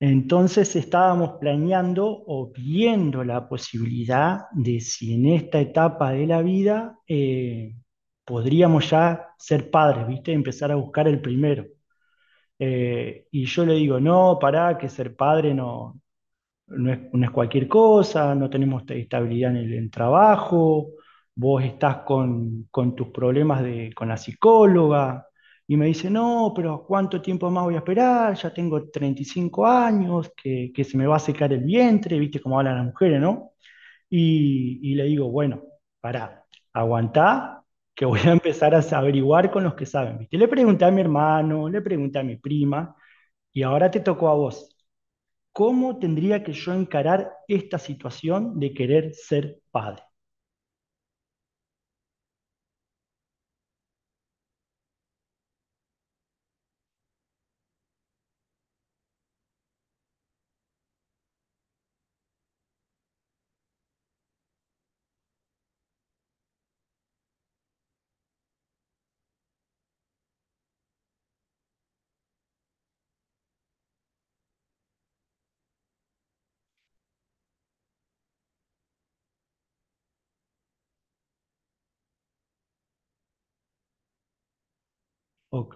Entonces estábamos planeando o viendo la posibilidad de si en esta etapa de la vida podríamos ya ser padres, ¿viste? Empezar a buscar el primero. Y yo le digo, no, pará, que ser padre no, no es cualquier cosa, no tenemos estabilidad en el en trabajo, vos estás con tus problemas de, con la psicóloga, y me dice, no, pero ¿cuánto tiempo más voy a esperar? Ya tengo 35 años, que se me va a secar el vientre, viste cómo hablan las mujeres, ¿no? Y le digo, bueno, pará, aguantá, que voy a empezar a averiguar con los que saben, viste. Le pregunté a mi hermano, le pregunté a mi prima, y ahora te tocó a vos. ¿Cómo tendría que yo encarar esta situación de querer ser padre? Ok,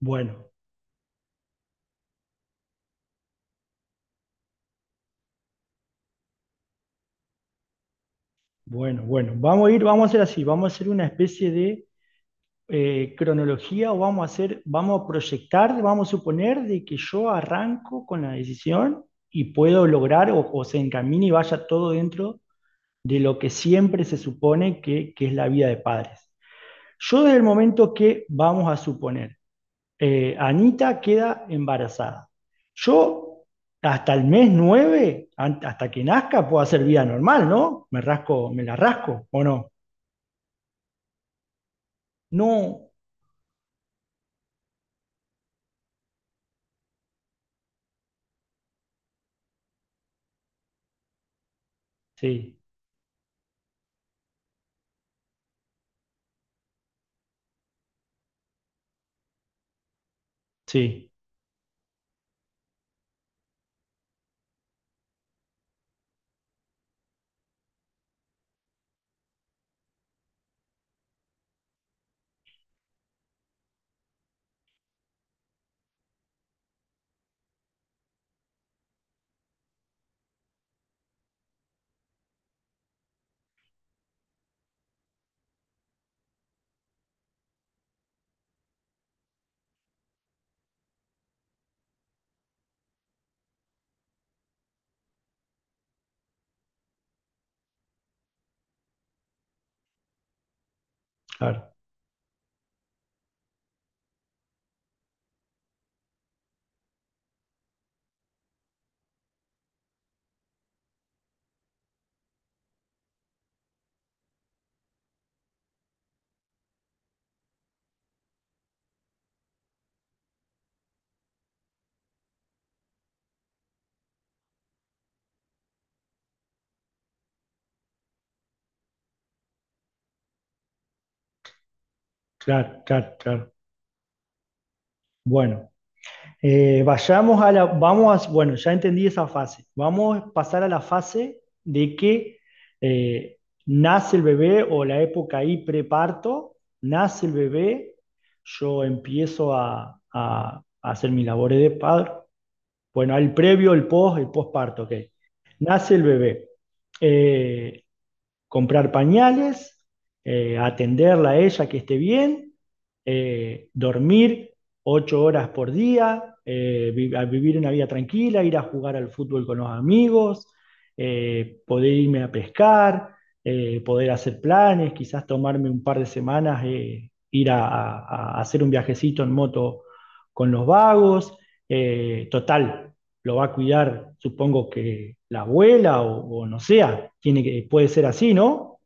bueno, bueno. Vamos a ir, vamos a hacer así, vamos a hacer una especie de cronología o vamos a hacer, vamos a proyectar, vamos a suponer de que yo arranco con la decisión y puedo lograr o se encamine y vaya todo dentro de lo que siempre se supone que es la vida de padres. Yo desde el momento que vamos a suponer Anita queda embarazada. Yo hasta el mes 9, hasta que nazca, puedo hacer vida normal, ¿no? Me rasco, me la rasco, ¿o no? No, sí, sí, claro, claro, claro, claro. Bueno, vayamos a la, vamos a, bueno, ya entendí esa fase. Vamos a pasar a la fase de que eh, nace el bebé o la época ahí preparto, nace el bebé, yo empiezo a, a hacer mis labores de padre. Bueno, el previo, el post, el postparto, ok. Nace el bebé. Eh, comprar pañales, atenderla a ella que esté bien, dormir 8 horas por día, a vivir una vida tranquila, ir a jugar al fútbol con los amigos, poder irme a pescar, poder hacer planes, quizás tomarme un par de semanas, ir a, a hacer un viajecito en moto con los vagos. Total, lo va a cuidar, supongo que la abuela o no sea, tiene que, puede ser así, ¿no?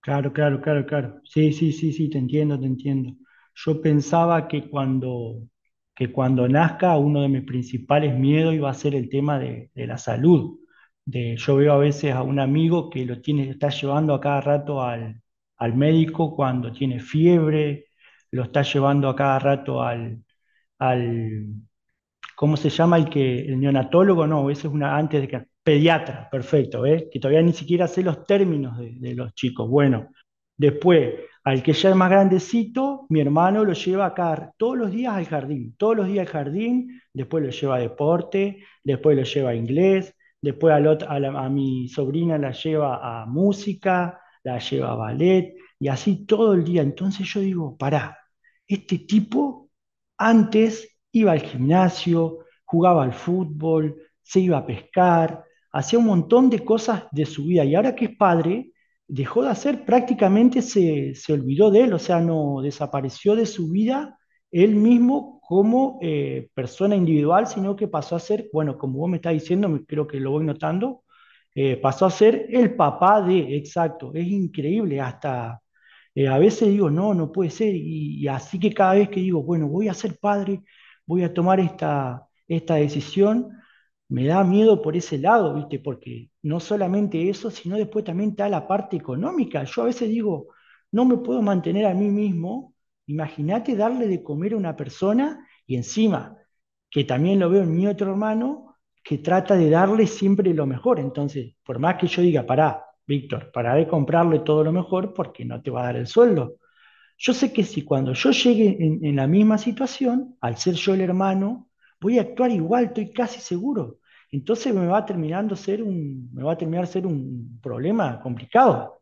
Claro, claro, claro, claro. Sí, sí, sí, sí, te entiendo, te entiendo. Yo pensaba que cuando nazca uno de mis principales miedos iba a ser el tema de la salud. De, yo veo a veces a un amigo que lo tiene, está llevando a cada rato al, al médico cuando tiene fiebre, lo está llevando a cada rato al, ¿cómo se llama el que, el neonatólogo? No, ese es una antes de que, pediatra, perfecto, ¿eh? Que todavía ni siquiera sé los términos de los chicos. Bueno, después, al que ya es más grandecito, mi hermano lo lleva acá todos los días al jardín, todos los días al jardín, después lo lleva a deporte, después lo lleva a inglés, después al otro- a, la- a mi sobrina la lleva a música, la lleva a ballet, y así todo el día. Entonces yo digo, pará, este tipo antes iba al gimnasio, jugaba al fútbol, se iba a pescar, hacía un montón de cosas de su vida y ahora que es padre, dejó de hacer, prácticamente se olvidó de él, o sea, no desapareció de su vida él mismo como persona individual, sino que pasó a ser, bueno, como vos me estás diciendo, creo que lo voy notando, pasó a ser el papá de, exacto, es increíble, hasta a veces digo, no, no puede ser, y así que cada vez que digo, bueno, voy a ser padre, voy a tomar esta decisión, me da miedo por ese lado, ¿viste? Porque no solamente eso, sino después también está la parte económica. Yo a veces digo, no me puedo mantener a mí mismo, imagínate darle de comer a una persona y encima, que también lo veo en mi otro hermano, que trata de darle siempre lo mejor. Entonces, por más que yo diga, pará, Víctor, pará de comprarle todo lo mejor porque no te va a dar el sueldo. Yo sé que si cuando yo llegue en la misma situación, al ser yo el hermano, voy a actuar igual, estoy casi seguro. Entonces me va a terminar ser un problema complicado.